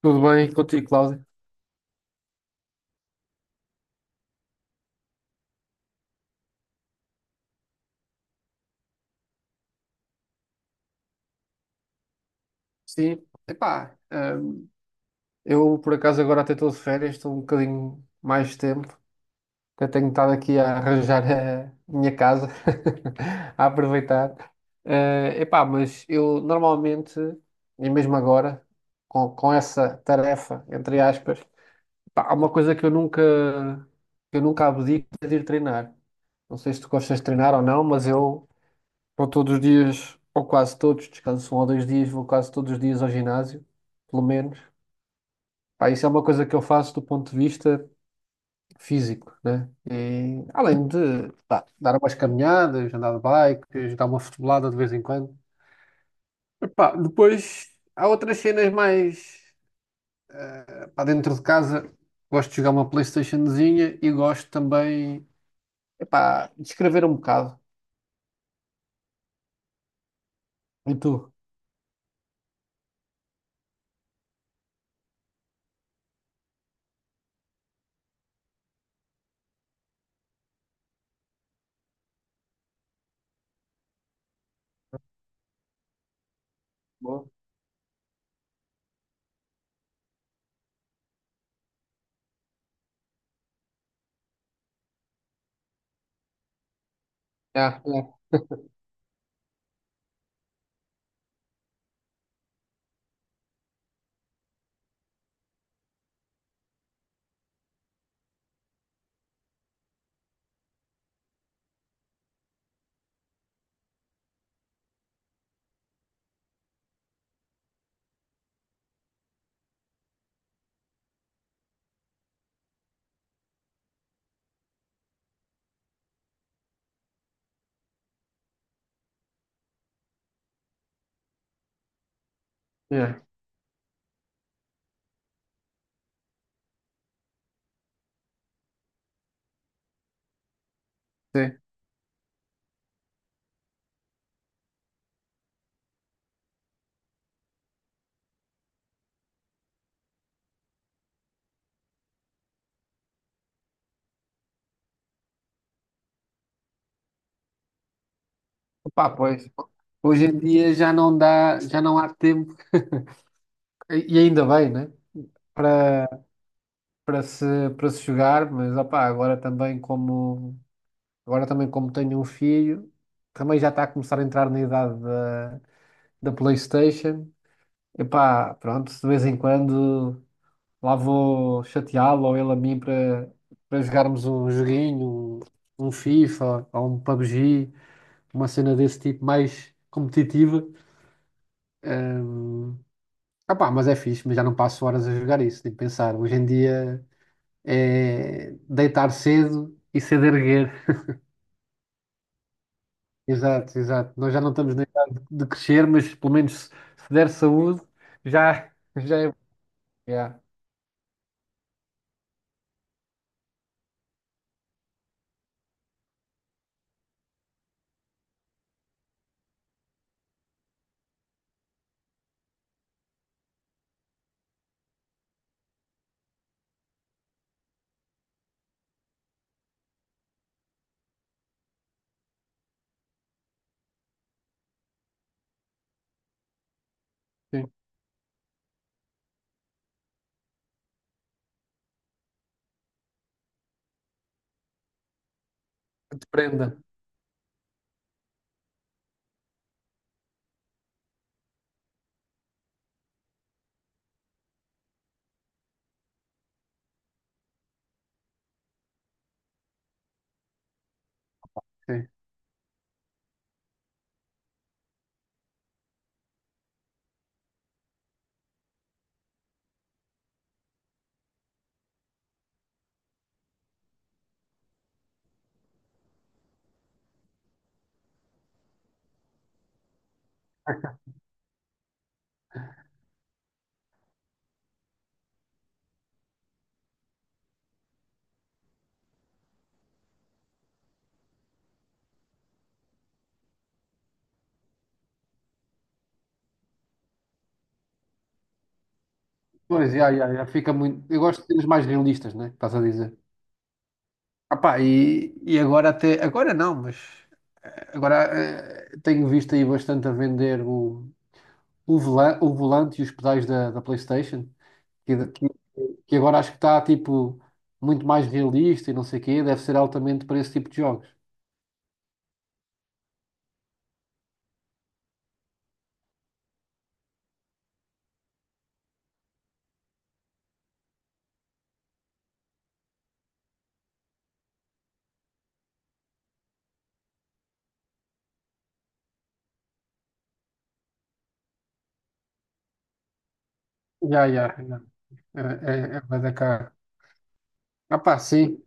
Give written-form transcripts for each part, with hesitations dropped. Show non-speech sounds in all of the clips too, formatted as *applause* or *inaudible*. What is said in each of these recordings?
Tudo bem contigo, Cláudio? Sim, epá, hum, eu por acaso agora até estou de férias, estou um bocadinho mais de tempo, até tenho estado aqui a arranjar a minha casa, *laughs* a aproveitar. Mas eu normalmente, e mesmo agora, com essa tarefa, entre aspas, epá, há uma coisa que eu nunca abdico é de ir treinar. Não sei se tu gostas de treinar ou não, mas eu vou todos os dias, ou quase todos, descanso um ou dois dias, vou quase todos os dias ao ginásio, pelo menos. Pá, isso é uma coisa que eu faço do ponto de vista físico, né? E, além de, pá, dar umas caminhadas, andar de bike, dar uma futebolada de vez em quando. Epá, depois há outras cenas mais dentro de casa. Gosto de jogar uma PlayStationzinha e gosto também, de escrever um bocado. E tu? Boa. É, é, é. Sim. Pá, pois, hoje em dia já não dá, já não há tempo, e ainda bem, né? Para, para se, para se jogar, mas opá, agora também como tenho um filho, também já está a começar a entrar da PlayStation. Epá, pronto, de vez em quando lá vou chateá-lo ou ele a mim para jogarmos um joguinho, um FIFA ou um PUBG, uma cena desse tipo mais competitiva. Ah pá, mas é fixe, mas já não passo horas a jogar isso, nem pensar. Hoje em dia é deitar cedo e cedo erguer. Exato, exato. Nós já não estamos na idade de crescer, mas pelo menos se, se der saúde, já, já é. Yeah, sim. Que te prenda. Sim. Pois, já, já, já fica muito. Eu gosto de cenas mais realistas, né? Estás a dizer. Ah pá, e agora até. Agora não, mas. Agora tenho visto aí bastante a vender o volante e os pedais da PlayStation. Que, que agora acho que está tipo muito mais realista e não sei o quê, deve ser altamente para esse tipo de jogos. Já, já, já. É, é bué da caro. Ah, pá, sim.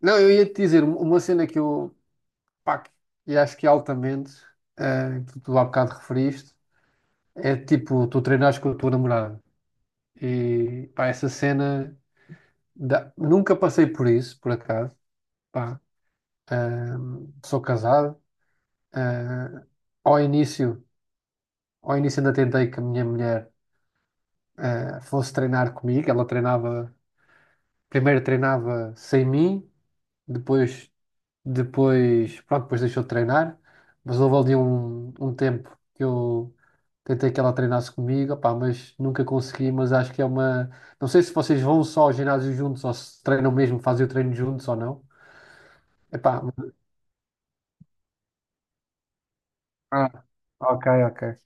Não, eu ia te dizer um- uma cena que eu, pá, que- e acho que é altamente, que tu há bocado referiste, é tipo, tu treinares com a tua namorada. E, pá, nunca passei por isso, por acaso, pá, sou casado. Ah, ao início, ao início ainda tentei com a minha mulher fosse treinar comigo. Ela treinava, primeiro treinava sem mim, depois, pronto, depois deixou de treinar. Mas houve ali um tempo que eu tentei que ela treinasse comigo, opá, mas nunca consegui. Mas acho que é uma. Não sei se vocês vão só ao ginásio juntos ou se treinam mesmo, fazem o treino juntos ou não. Epá, mas. Ah, ok, ok.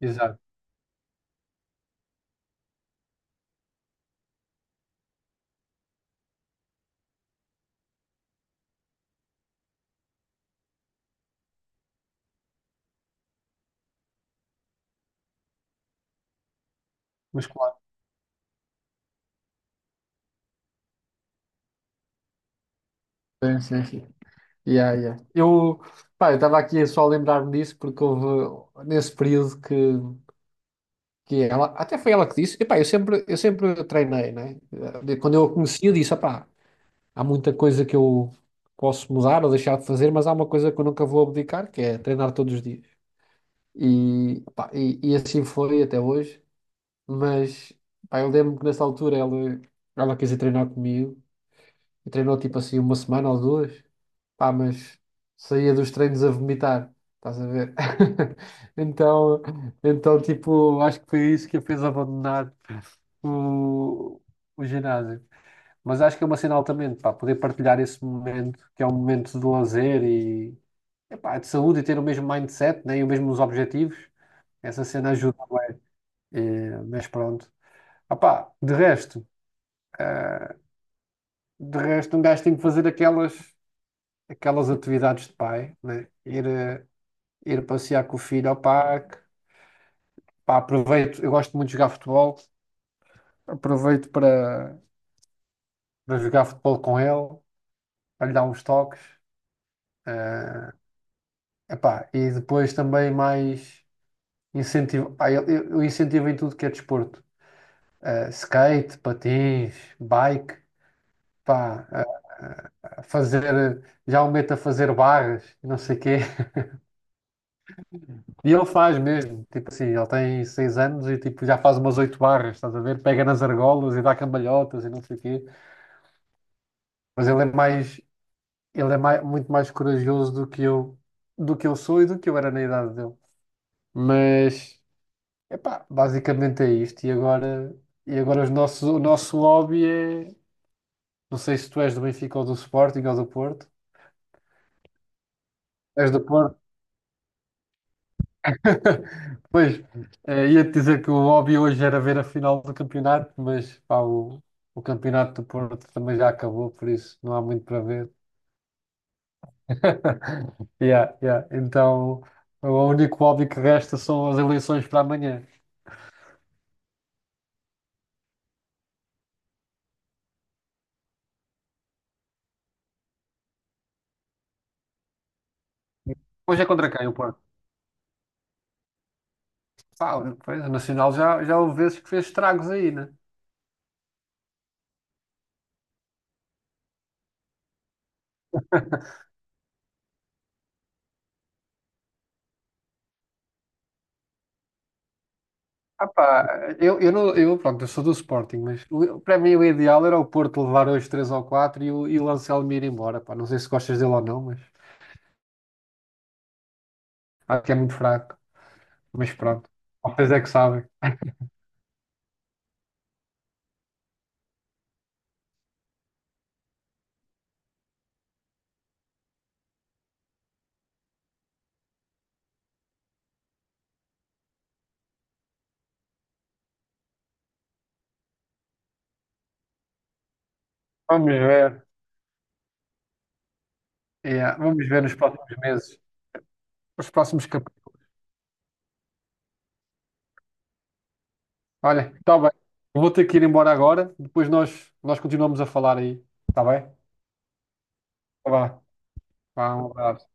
Exato. Mas claro. Sim, sim, sim. Yeah, yeah. Eu, pá, eu estava aqui só a lembrar-me disso porque houve nesse período que ela, até foi ela que disse, epá, eu sempre treinei, né? De- Quando eu a conheci, eu disse, epá, há muita coisa que eu posso mudar ou deixar de fazer, mas há uma coisa que eu nunca vou abdicar, que é treinar todos os dias. E, pá, e assim foi até hoje, mas epá, eu lembro que ela quis ir treinar comigo, e treinou tipo assim uma semana ou duas, pá, mas saía dos treinos a vomitar, estás a ver? *laughs* Então, tipo, acho que foi isso que a fez abandonar o, o ginásio. Mas acho que é uma cena altamente, pá, poder partilhar esse momento, que é um momento de lazer e epá, de saúde e ter o mesmo mindset, né, e os mesmos objetivos. Essa cena ajuda. Eh, mas pronto. Ah, pá, eh, de resto, um gajo tem que fazer aquelas atividades de pai, né? Ir passear com o filho ao parque. Pá, aproveito, eu gosto muito de jogar futebol, aproveito para jogar futebol com ele, para lhe dar uns toques. eh, Epá, e depois também mais incentivo. Pá, eu incentivo em tudo que é desporto. Eh, skate, patins, bike, pá, eh, fazer. Já o meto a fazer barras, não sei o quê. *laughs* E ele faz mesmo. Tipo assim, ele tem 6 anos e tipo, já faz umas 8 barras, estás a ver? Pega nas argolas e dá cambalhotas e não sei o quê. Mas ele é mais. Muito mais corajoso do que eu sou e do que eu era na idade dele. Mas. Epá, basicamente é isto. E agora os nossos, o nosso lobby é. Não sei se tu és do Benfica ou do Sporting ou do Porto. És do Porto? *laughs* Pois, ia-te dizer que o hobby hoje era ver a final do campeonato, mas pá, o campeonato do Porto também já acabou, por isso não há muito para ver. *laughs* Yeah, yeah. Então, o único hobby que resta são as eleições para amanhã. Hoje é contra quem o Porto? Pá, pois, o Nacional já, já houve vezes que fez estragos aí, né? Ah pá, eu, não, eu, pronto, eu sou do Sporting, mas o- para mim o ideal era o Porto levar hoje 3 ou 4 e o Anselmo ir embora. Pá, não sei se gostas dele ou não, mas acho que é muito fraco. Mas pronto, vocês é que sabem. Vamos ver. Yeah, vamos ver nos próximos meses, nos próximos capítulos. Olha, está bem. Eu vou ter que ir embora agora, nós continuamos a falar aí. Está bem? Tá, vá, vá, um abraço.